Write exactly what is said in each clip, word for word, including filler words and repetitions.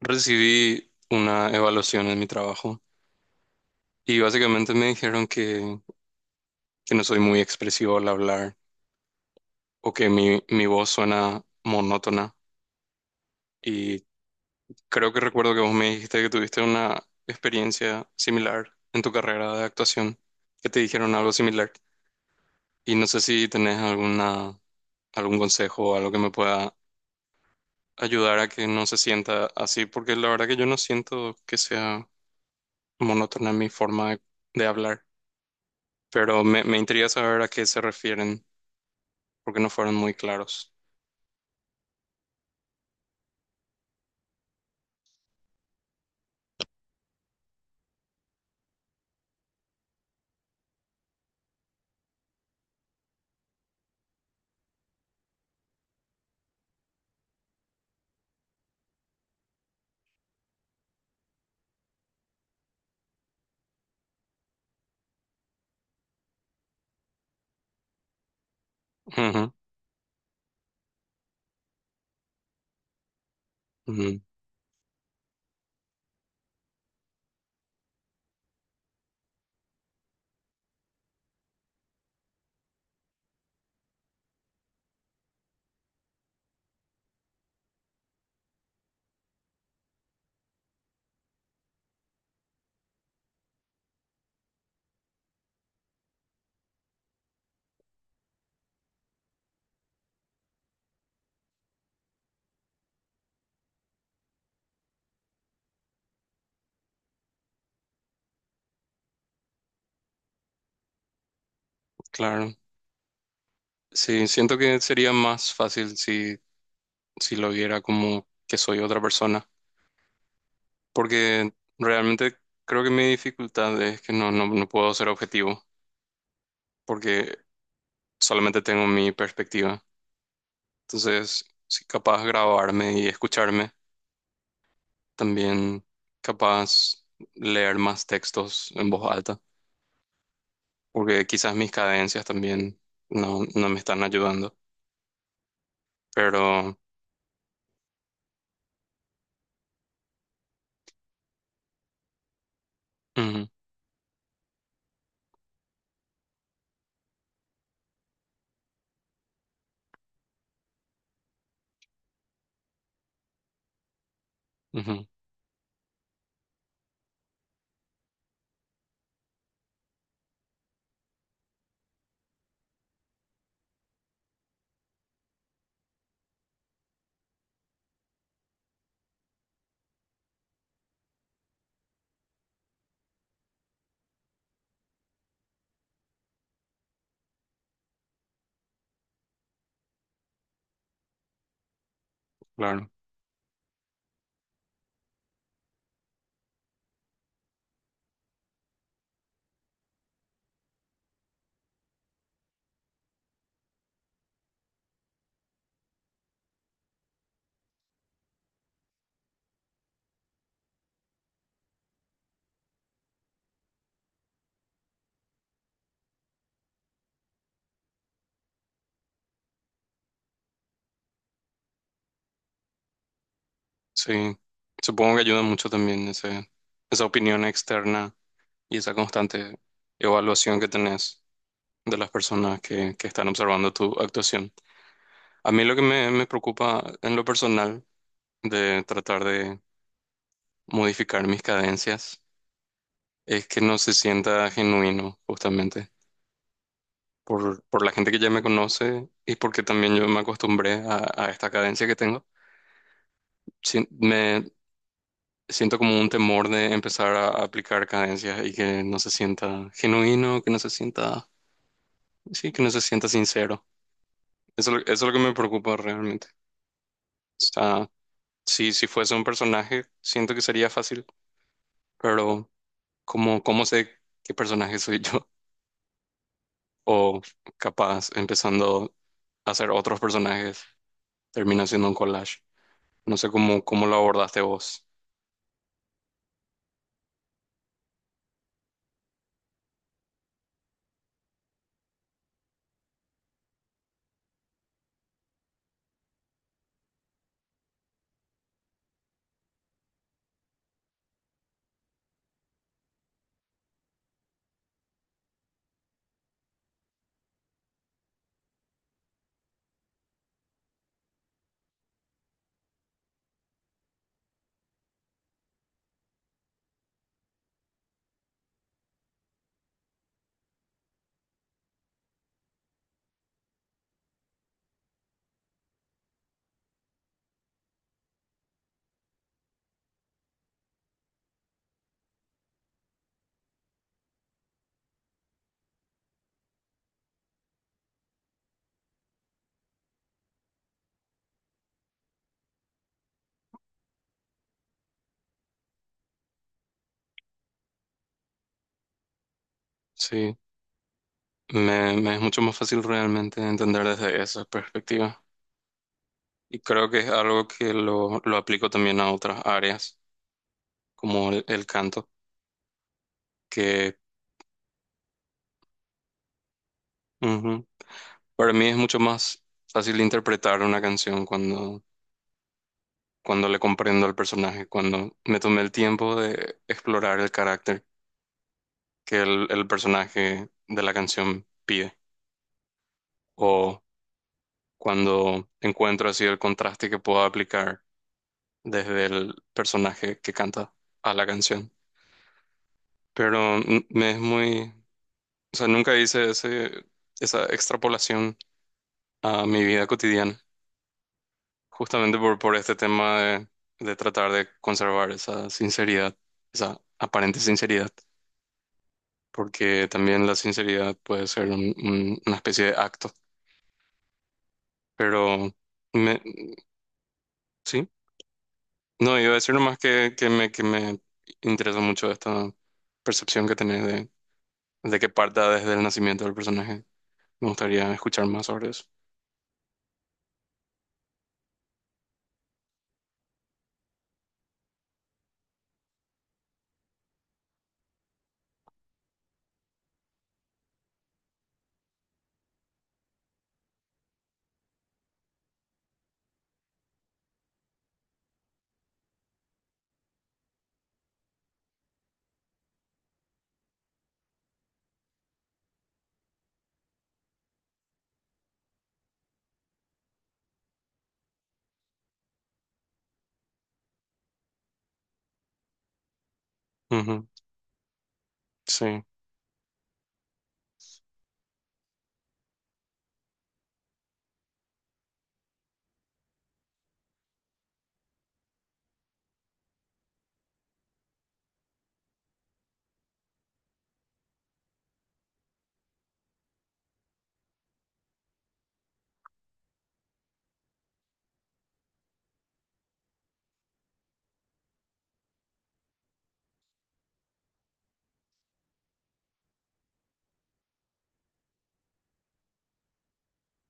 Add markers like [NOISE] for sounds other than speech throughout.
Recibí una evaluación en mi trabajo y básicamente me dijeron que, que no soy muy expresivo al hablar o que mi, mi voz suena monótona. Y creo que recuerdo que vos me dijiste que tuviste una experiencia similar en tu carrera de actuación, que te dijeron algo similar. Y no sé si tenés alguna, algún consejo o algo que me pueda ayudar a que no se sienta así, porque la verdad que yo no siento que sea monótona mi forma de de hablar, pero me, me intriga saber a qué se refieren, porque no fueron muy claros. Ujú, ujú, claro. Sí, siento que sería más fácil si, si lo viera como que soy otra persona, porque realmente creo que mi dificultad es que no, no, no puedo ser objetivo, porque solamente tengo mi perspectiva. Entonces, si capaz grabarme y escucharme, también capaz leer más textos en voz alta, porque quizás mis cadencias también no, no me están ayudando, pero ujú, ujú, claro, sí, supongo que ayuda mucho también ese, esa opinión externa y esa constante evaluación que tenés de las personas que, que están observando tu actuación. A mí lo que me, me preocupa en lo personal de tratar de modificar mis cadencias es que no se sienta genuino, justamente, por, por la gente que ya me conoce y porque también yo me acostumbré a, a esta cadencia que tengo. Si- me siento como un temor de empezar a aplicar cadencias y que no se sienta genuino, que no se sienta, sí, que no se sienta sincero. Eso, es lo- eso es lo que me preocupa realmente. O sea, si, si fuese un personaje, siento que sería fácil, pero ¿cómo, cómo sé qué personaje soy yo? [LAUGHS] O capaz, empezando a hacer otros personajes, termina siendo un collage. No sé cómo, cómo lo abordaste vos. Sí, me, me es mucho más fácil realmente entender desde esa perspectiva. Y creo que es algo que lo, lo aplico también a otras áreas, como el, el canto, que ujú, para mí es mucho más fácil interpretar una canción cuando, cuando le comprendo al personaje, cuando me tomé el tiempo de explorar el carácter que el, el personaje de la canción pide, o cuando encuentro así el contraste que puedo aplicar desde el personaje que canta a la canción, pero mm, me es muy, o sea, nunca hice ese, esa extrapolación a mi vida cotidiana, justamente por, por este tema de, de tratar de conservar esa sinceridad, esa aparente sinceridad, porque también la sinceridad puede ser un- un- una especie de acto, pero me, sí, no, iba a decir nomás que, que me, que me interesa mucho esta percepción que tenés de, de que parta desde el nacimiento del personaje. Me gustaría escuchar más sobre eso. Ujú, sí.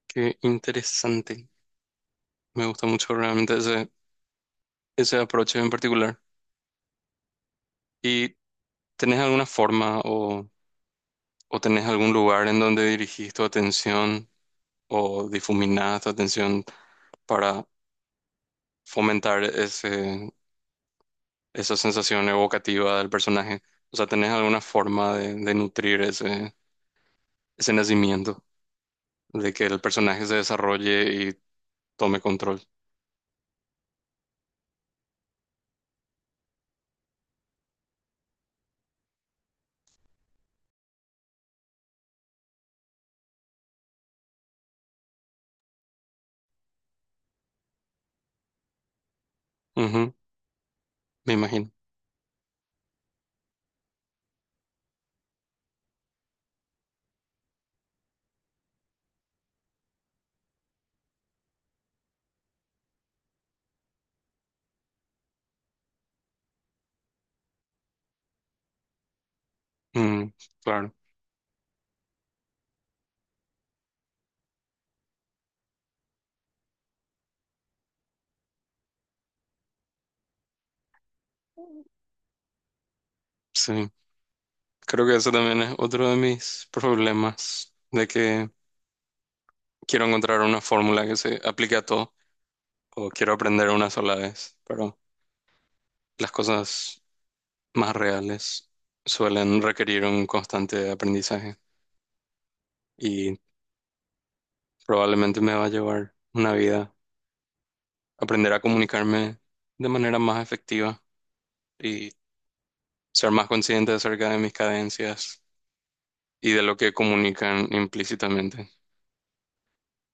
Qué interesante. Me gusta mucho realmente ese, ese approach en particular. ¿Y tenés alguna forma o, o tenés algún lugar en donde dirigís tu atención o difuminás tu atención para fomentar ese, esa sensación evocativa del personaje? O sea, ¿tenés alguna forma de, de nutrir ese, ese nacimiento, de que el personaje se desarrolle y tome control? Ujú, me imagino. Mm, claro, sí. Creo que eso también es otro de mis problemas, de que quiero encontrar una fórmula que se aplique a todo, o quiero aprender una sola vez, pero las cosas más reales suelen requerir un constante aprendizaje y probablemente me va a llevar una vida aprender a comunicarme de manera más efectiva y ser más consciente acerca de mis cadencias y de lo que comunican implícitamente.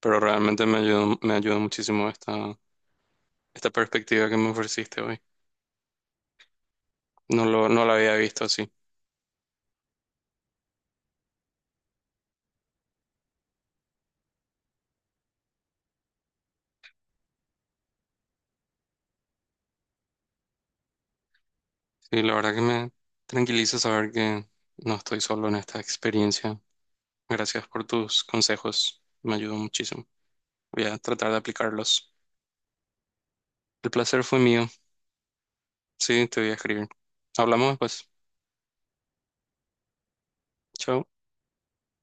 Pero realmente me ayudó, me ayudó muchísimo esta perspectiva que me ofreciste hoy. No lo, no la había visto así. Sí, la verdad que me tranquiliza saber que no estoy solo en esta experiencia. Gracias por tus consejos, me ayudó muchísimo. Voy a tratar de aplicarlos. El placer fue mío. Sí, te voy a escribir. Hablamos después. Chao.